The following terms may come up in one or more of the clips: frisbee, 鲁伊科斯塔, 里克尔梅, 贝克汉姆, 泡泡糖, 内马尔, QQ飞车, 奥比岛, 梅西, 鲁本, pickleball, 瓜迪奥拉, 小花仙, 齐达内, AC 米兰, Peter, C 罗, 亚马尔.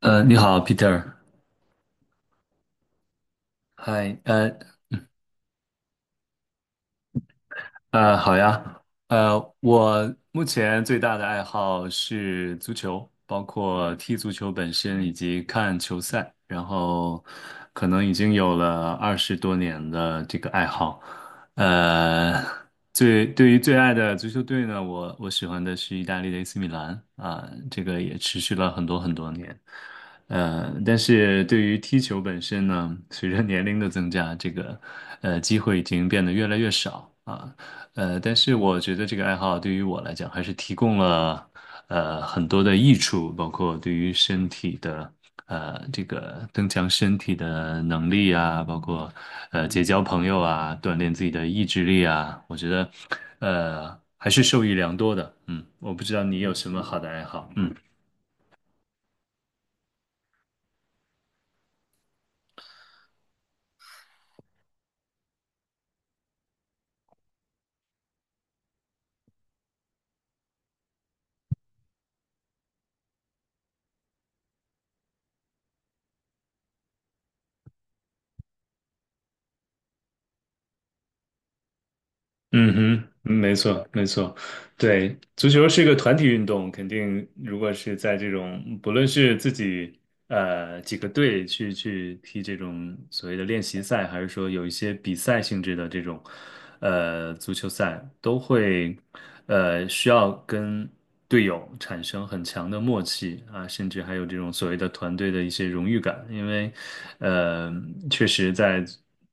你好，Peter。嗨，好呀，我目前最大的爱好是足球，包括踢足球本身以及看球赛，然后可能已经有了20多年的这个爱好。呃，对于最爱的足球队呢，我喜欢的是意大利的 AC 米兰啊，这个也持续了很多很多年。但是对于踢球本身呢，随着年龄的增加，这个机会已经变得越来越少啊。但是我觉得这个爱好对于我来讲，还是提供了很多的益处，包括对于身体的这个增强身体的能力啊，包括结交朋友啊，锻炼自己的意志力啊，我觉得还是受益良多的。嗯，我不知道你有什么好的爱好。嗯。嗯哼，没错，没错，对，足球是一个团体运动，肯定如果是在这种，不论是自己几个队去踢这种所谓的练习赛，还是说有一些比赛性质的这种足球赛，都会需要跟队友产生很强的默契啊，甚至还有这种所谓的团队的一些荣誉感，因为呃确实在。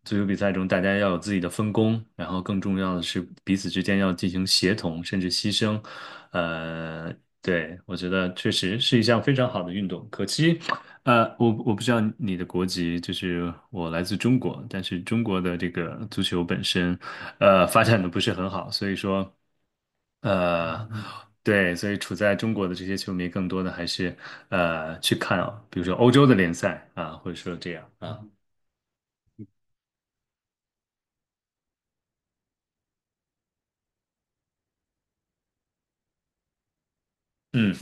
足球比赛中，大家要有自己的分工，然后更重要的是彼此之间要进行协同，甚至牺牲。呃，对，我觉得确实是一项非常好的运动。可惜，我不知道你的国籍，就是我来自中国，但是中国的这个足球本身，发展的不是很好，所以说，呃，对，所以处在中国的这些球迷，更多的还是去看啊，比如说欧洲的联赛啊，或者说这样啊。嗯，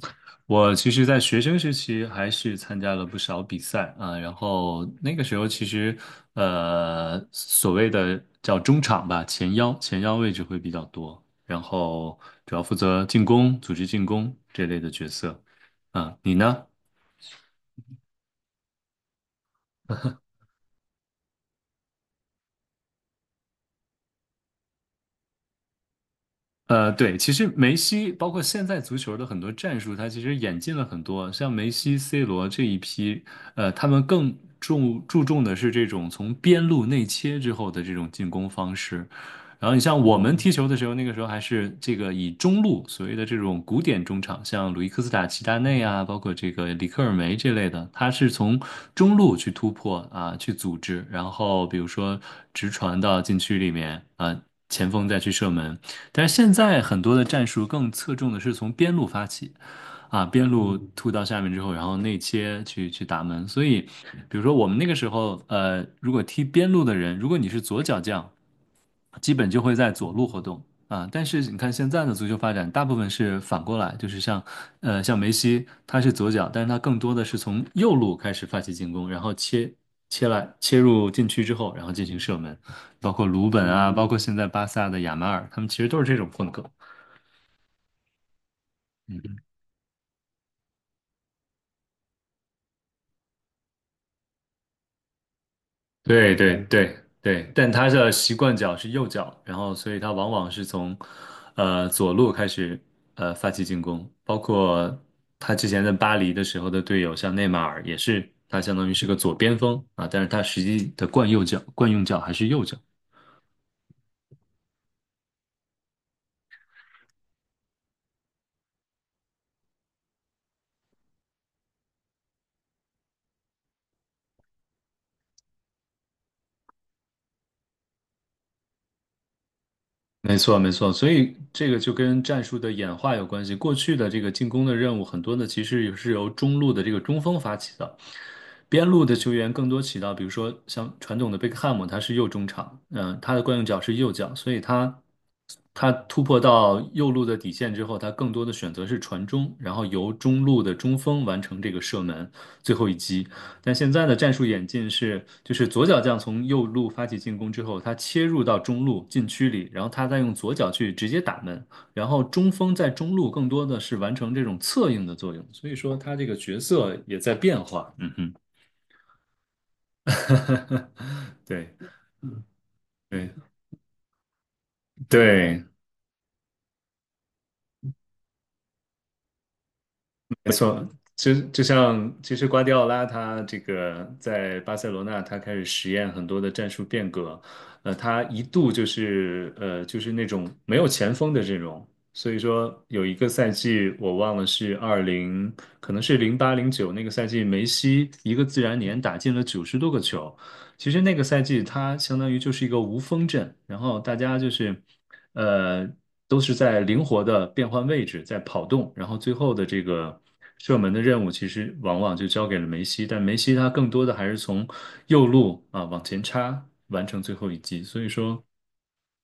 我其实，在学生时期还是参加了不少比赛啊，然后那个时候其实，所谓的叫中场吧，前腰位置会比较多，然后主要负责进攻、组织进攻这类的角色。啊，你呢？对，其实梅西包括现在足球的很多战术，他其实演进了很多。像梅西、C 罗这一批，他们更注重的是这种从边路内切之后的这种进攻方式。然后你像我们踢球的时候，那个时候还是这个以中路所谓的这种古典中场，像鲁伊科斯塔、齐达内啊，包括这个里克尔梅这类的，他是从中路去突破啊，去组织，然后比如说直传到禁区里面啊，前锋再去射门。但是现在很多的战术更侧重的是从边路发起，啊，边路突到下面之后，然后内切去打门。所以，比如说我们那个时候，如果踢边路的人，如果你是左脚将，基本就会在左路活动。啊，但是你看现在的足球发展，大部分是反过来，就是像梅西，他是左脚，但是他更多的是从右路开始发起进攻，然后切入禁区之后，然后进行射门，包括鲁本啊，包括现在巴萨的亚马尔，他们其实都是这种风格。对对嗯对对，但他的习惯脚是右脚，然后所以他往往是从左路开始发起进攻，包括他之前在巴黎的时候的队友，像内马尔也是，他相当于是个左边锋啊，但是他实际的惯用脚还是右脚。没错，没错，所以这个就跟战术的演化有关系。过去的这个进攻的任务，很多呢其实是由中路的这个中锋发起的，边路的球员更多起到，比如说像传统的贝克汉姆，他是右中场，他的惯用脚是右脚，所以他突破到右路的底线之后，他更多的选择是传中，然后由中路的中锋完成这个射门最后一击。但现在的战术演进是，就是左脚将从右路发起进攻之后，他切入到中路禁区里，然后他再用左脚去直接打门，然后中锋在中路更多的是完成这种策应的作用，所以说他这个角色也在变化。嗯哼。对对对，没错，就像其实瓜迪奥拉他这个在巴塞罗那，他开始实验很多的战术变革，他一度就是那种没有前锋的阵容，所以说有一个赛季我忘了是二零，可能是08/09那个赛季，梅西一个自然年打进了90多个球，其实那个赛季，它相当于就是一个无锋阵，然后大家就是，呃，都是在灵活的变换位置，在跑动，然后最后的这个射门的任务，其实往往就交给了梅西，但梅西他更多的还是从右路啊往前插，完成最后一击。所以说，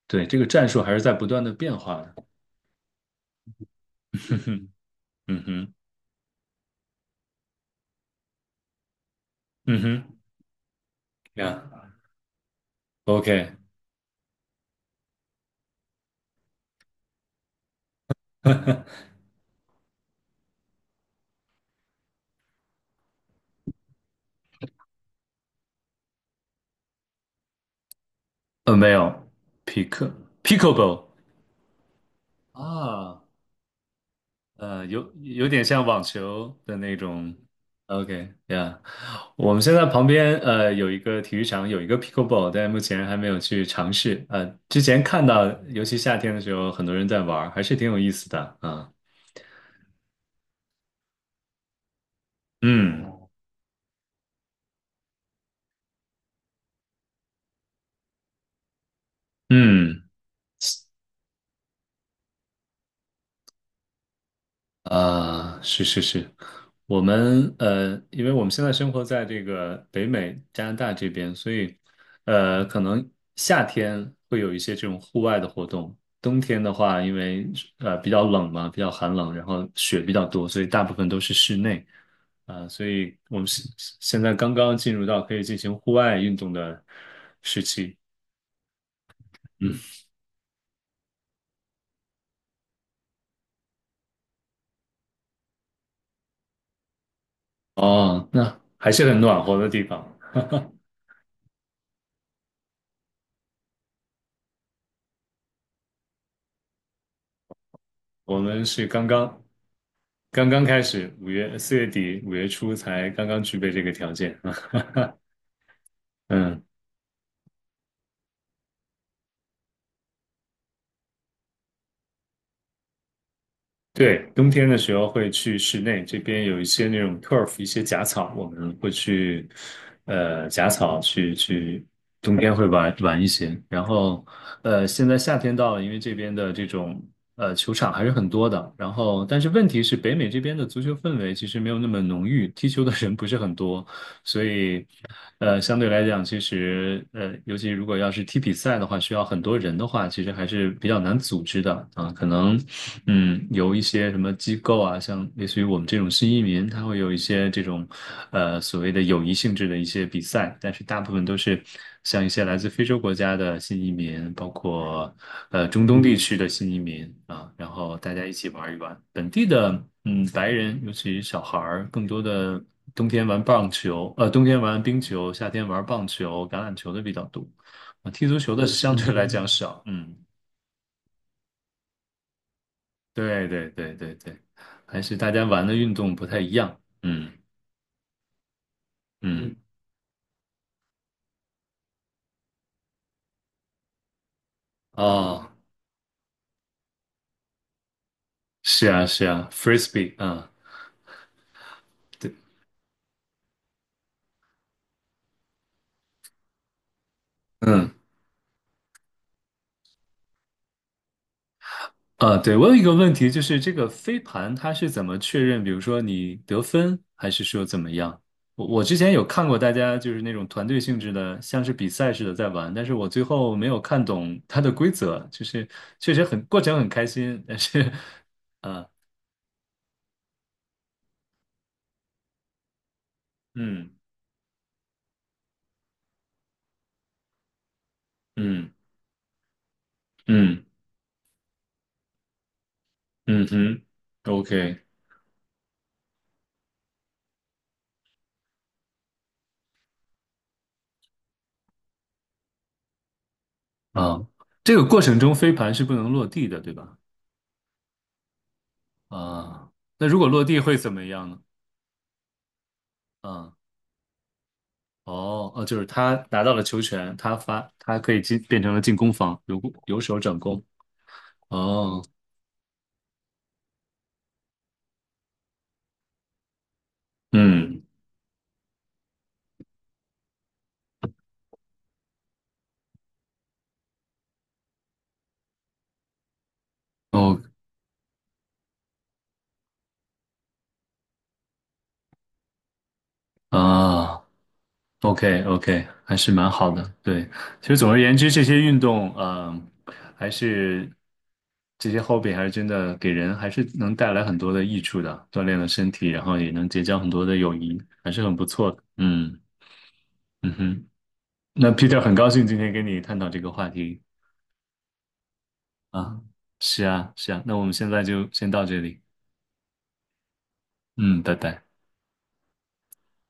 对，这个战术还是在不断的变化的。嗯哼，嗯哼，嗯哼，呀，OK，没有，pick pickleball 啊。有点像网球的那种。OK，呀、我们现在旁边有一个体育场，有一个 pickleball，但目前还没有去尝试。之前看到，尤其夏天的时候，很多人在玩儿还是挺有意思的啊。嗯嗯。啊，是是是，我们因为我们现在生活在这个北美加拿大这边，所以可能夏天会有一些这种户外的活动，冬天的话，因为比较冷嘛，比较寒冷，然后雪比较多，所以大部分都是室内啊，所以我们现在刚刚进入到可以进行户外运动的时期。嗯，哦，那还是很暖和的地方，我们是刚刚。刚刚开始，4月底5月初才刚刚具备这个条件啊。嗯对，冬天的时候会去室内，这边有一些那种 turf，一些假草，我们会去，假草去，冬天会玩玩一些。然后，现在夏天到了，因为这边的这种球场还是很多的。然后，但是问题是，北美这边的足球氛围其实没有那么浓郁，踢球的人不是很多，所以，相对来讲，其实尤其如果要是踢比赛的话，需要很多人的话，其实还是比较难组织的啊，可能。嗯，有一些什么机构啊，像类似于我们这种新移民，他会有一些这种，所谓的友谊性质的一些比赛，但是大部分都是像一些来自非洲国家的新移民，包括中东地区的新移民啊，然后大家一起玩一玩。本地的白人，尤其小孩儿，更多的冬天玩冰球，夏天玩棒球、橄榄球的比较多，啊，踢足球的相对来讲少，嗯。对对对对对，还是大家玩的运动不太一样。嗯嗯，嗯哦，是啊是啊，frisbee 啊，对，嗯啊，对，我有一个问题，就是这个飞盘它是怎么确认？比如说你得分，还是说怎么样？我之前有看过大家就是那种团队性质的，像是比赛似的在玩，但是我最后没有看懂它的规则，就是确实很过程很开心，但是啊，嗯嗯嗯嗯嗯哼。OK，啊，这个过程中飞盘是不能落地的，对吧？啊，那如果落地会怎么样呢？啊，哦，哦，就是他拿到了球权，他发，他可以进，变成了进攻方，由守转攻。哦，嗯，哦，啊，OK，OK，还是蛮好的。对，其实总而言之，这些运动，还是这些 hobby 还是真的给人还是能带来很多的益处的，锻炼了身体，然后也能结交很多的友谊，还是很不错的。嗯。嗯哼，那 Peter 很高兴今天跟你探讨这个话题啊，是啊，是啊，那我们现在就先到这里，嗯，拜拜。